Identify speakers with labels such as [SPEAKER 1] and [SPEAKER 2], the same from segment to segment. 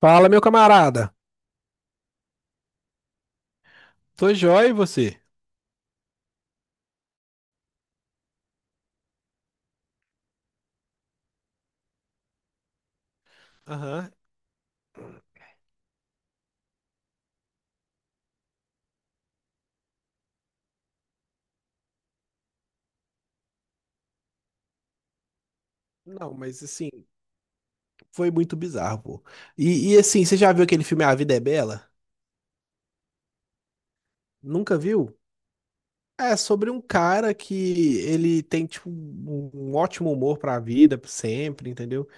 [SPEAKER 1] Fala, meu camarada. Tô jóia e você? Aham. Não, mas assim, foi muito bizarro, pô. E, assim, você já viu aquele filme A Vida é Bela? Nunca viu? É sobre um cara que ele tem, tipo, um ótimo humor pra vida, sempre, entendeu?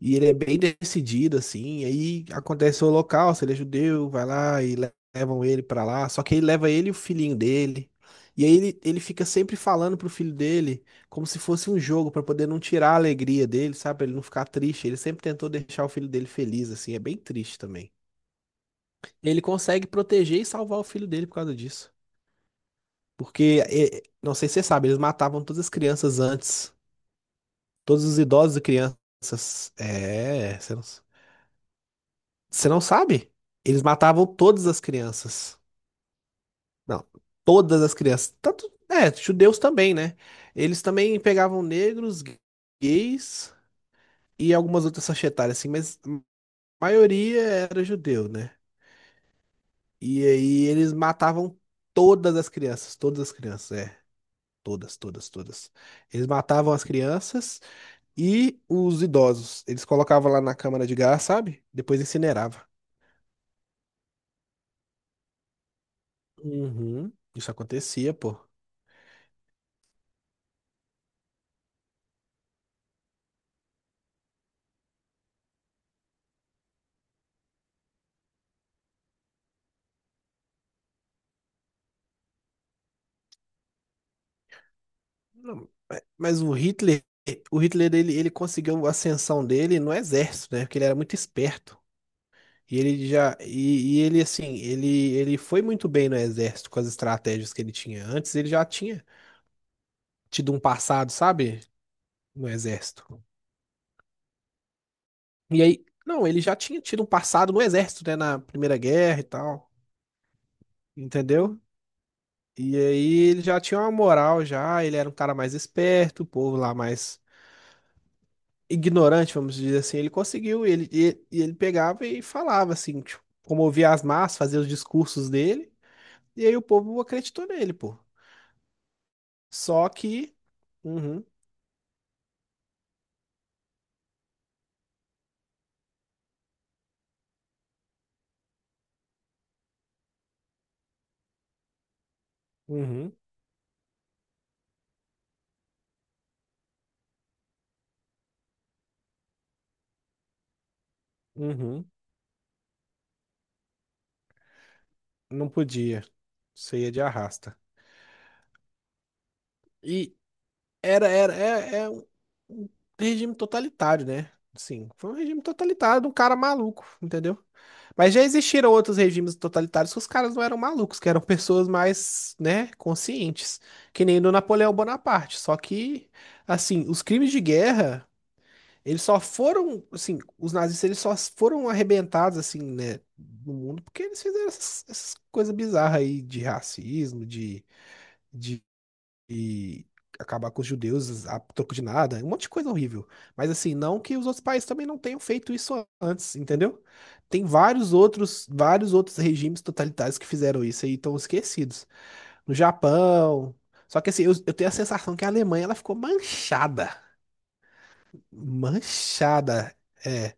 [SPEAKER 1] E ele é bem decidido, assim. Aí acontece o holocausto, ele é judeu, vai lá e levam ele pra lá. Só que aí leva ele e o filhinho dele. E aí ele fica sempre falando pro filho dele como se fosse um jogo, pra poder não tirar a alegria dele, sabe? Pra ele não ficar triste. Ele sempre tentou deixar o filho dele feliz, assim. É bem triste também. Ele consegue proteger e salvar o filho dele por causa disso. Porque, não sei se você sabe, eles matavam todas as crianças antes. Todos os idosos e crianças. É, você não. Você não sabe? Eles matavam todas as crianças. Não, todas as crianças. Tanto, é, judeus também, né? Eles também pegavam negros, gays e algumas outras faixa etária, assim, mas a maioria era judeu, né? E aí eles matavam todas as crianças, é. Todas, todas, todas. Eles matavam as crianças e os idosos. Eles colocavam lá na câmara de gás, sabe? Depois incinerava. Uhum. Isso acontecia, pô. Não, mas o Hitler ele, ele conseguiu a ascensão dele no exército, né? Porque ele era muito esperto. E ele assim, ele foi muito bem no exército com as estratégias que ele tinha. Antes ele já tinha tido um passado, sabe? No exército. E aí, não, ele já tinha tido um passado no exército, né, na Primeira Guerra e tal, entendeu? E aí ele já tinha uma moral já, ele era um cara mais esperto, o povo lá mais ignorante, vamos dizer assim, ele conseguiu, ele pegava e falava assim, tipo, comovia as massas, fazia os discursos dele, e aí o povo acreditou nele, pô. Só que, uhum, uhum, uhum, não podia. Isso ia de arrasta. E era, é um regime totalitário, né? Sim, foi um regime totalitário de um cara maluco, entendeu? Mas já existiram outros regimes totalitários que os caras não eram malucos, que eram pessoas mais, né, conscientes, que nem do Napoleão Bonaparte. Só que, assim, os crimes de guerra, eles só foram, assim, os nazistas eles só foram arrebentados, assim, né, no mundo porque eles fizeram essas, coisas bizarras aí de racismo, de, e acabar com os judeus a troco de nada, um monte de coisa horrível. Mas assim, não que os outros países também não tenham feito isso antes, entendeu? Tem vários outros regimes totalitários que fizeram isso e estão esquecidos. No Japão. Só que assim, eu tenho a sensação que a Alemanha ela ficou manchada. Manchada. É.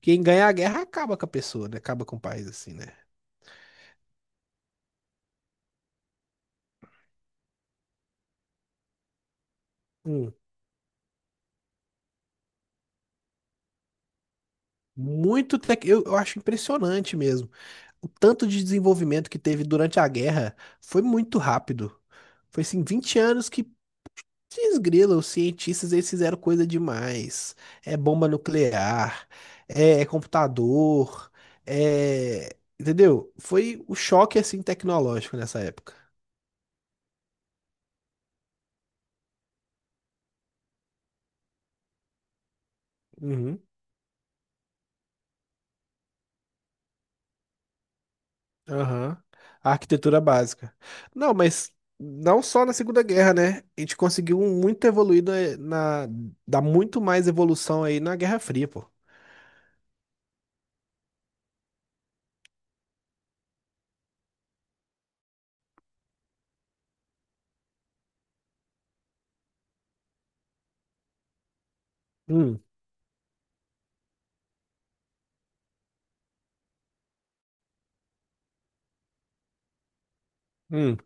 [SPEAKER 1] Quem ganha a guerra acaba com a pessoa, né? Acaba com o país, assim, né? Hum. Muito. Eu acho impressionante mesmo o tanto de desenvolvimento que teve durante a guerra foi muito rápido. Foi assim, 20 anos que desgrila, os cientistas eles fizeram coisa demais. É bomba nuclear, é computador, Entendeu? Foi o choque assim tecnológico nessa época. Uhum, aham. A arquitetura básica. Não, mas não só na Segunda Guerra, né? A gente conseguiu um muito evoluído Dá muito mais evolução aí na Guerra Fria, pô. Hum, hum.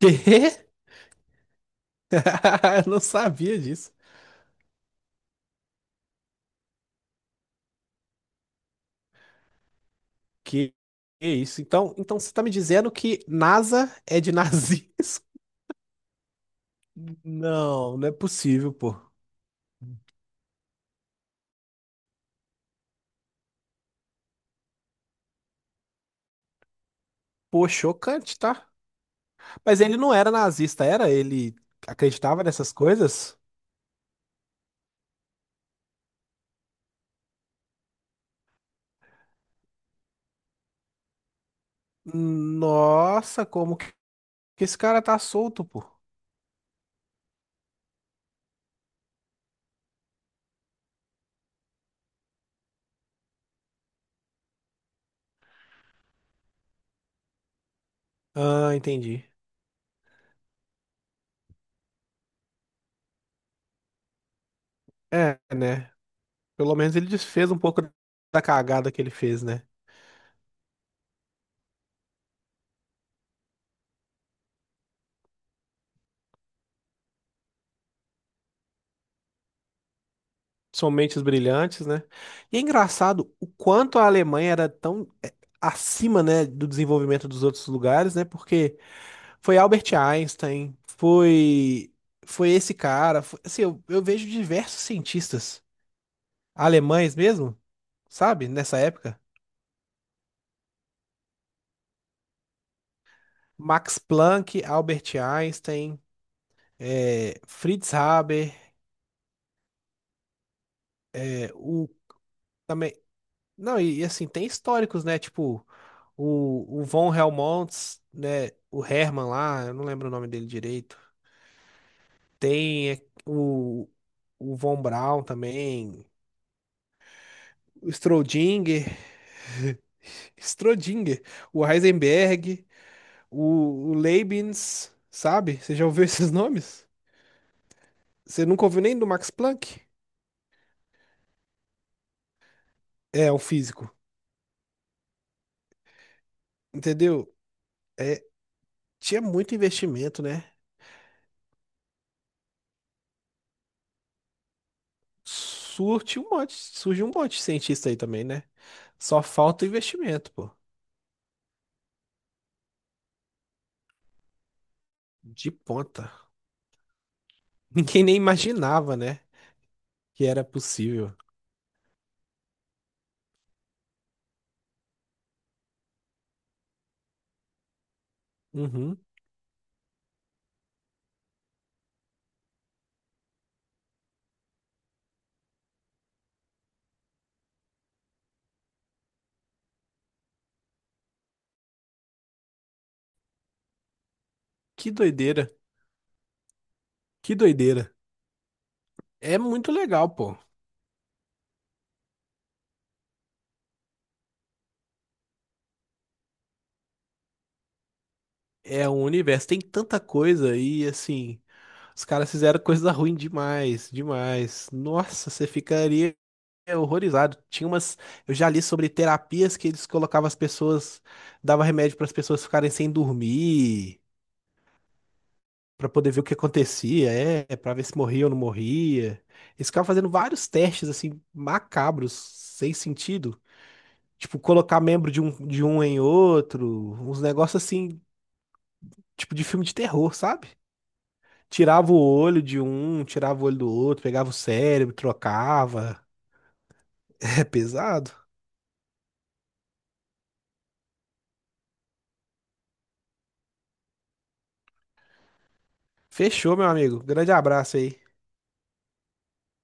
[SPEAKER 1] Quê? Eu não sabia disso. Que que isso? Então você tá me dizendo que NASA é de nazismo? Não, não é possível, pô. Pô, chocante, tá? Mas ele não era nazista, era? Ele acreditava nessas coisas? Nossa, como que esse cara tá solto, pô? Ah, entendi. É, né? Pelo menos ele desfez um pouco da cagada que ele fez, né? São mentes brilhantes, né? E é engraçado o quanto a Alemanha era tão acima, né, do desenvolvimento dos outros lugares, né? Porque foi Albert Einstein, foi esse cara, assim, eu vejo diversos cientistas alemães mesmo, sabe? Nessa época, Max Planck, Albert Einstein, Fritz Haber, eh, o Não, e assim, tem históricos, né? Tipo, o Von Helmont, né? O Herman lá, eu não lembro o nome dele direito. Tem é, o Von Braun também, o Strodinger, Strodinger, o Heisenberg, o Leibniz, sabe? Você já ouviu esses nomes? Você nunca ouviu nem do Max Planck? É, o físico, entendeu? É, tinha muito investimento, né? Surge um monte de cientista aí também, né? Só falta o investimento, pô. De ponta. Ninguém nem imaginava, né? Que era possível. Uhum. Que doideira. Que doideira. É muito legal, pô. É um universo, tem tanta coisa e assim, os caras fizeram coisa ruim demais, demais. Nossa, você ficaria horrorizado. Tinha umas, eu já li sobre terapias que eles colocavam as pessoas, dava remédio para as pessoas ficarem sem dormir. Pra poder ver o que acontecia, é, pra ver se morria ou não morria. Eles ficavam fazendo vários testes, assim, macabros, sem sentido. Tipo, colocar membro de um, em outro, uns negócios assim, tipo de filme de terror, sabe? Tirava o olho de um, tirava o olho do outro, pegava o cérebro, trocava. É pesado. Fechou, meu amigo. Grande abraço aí.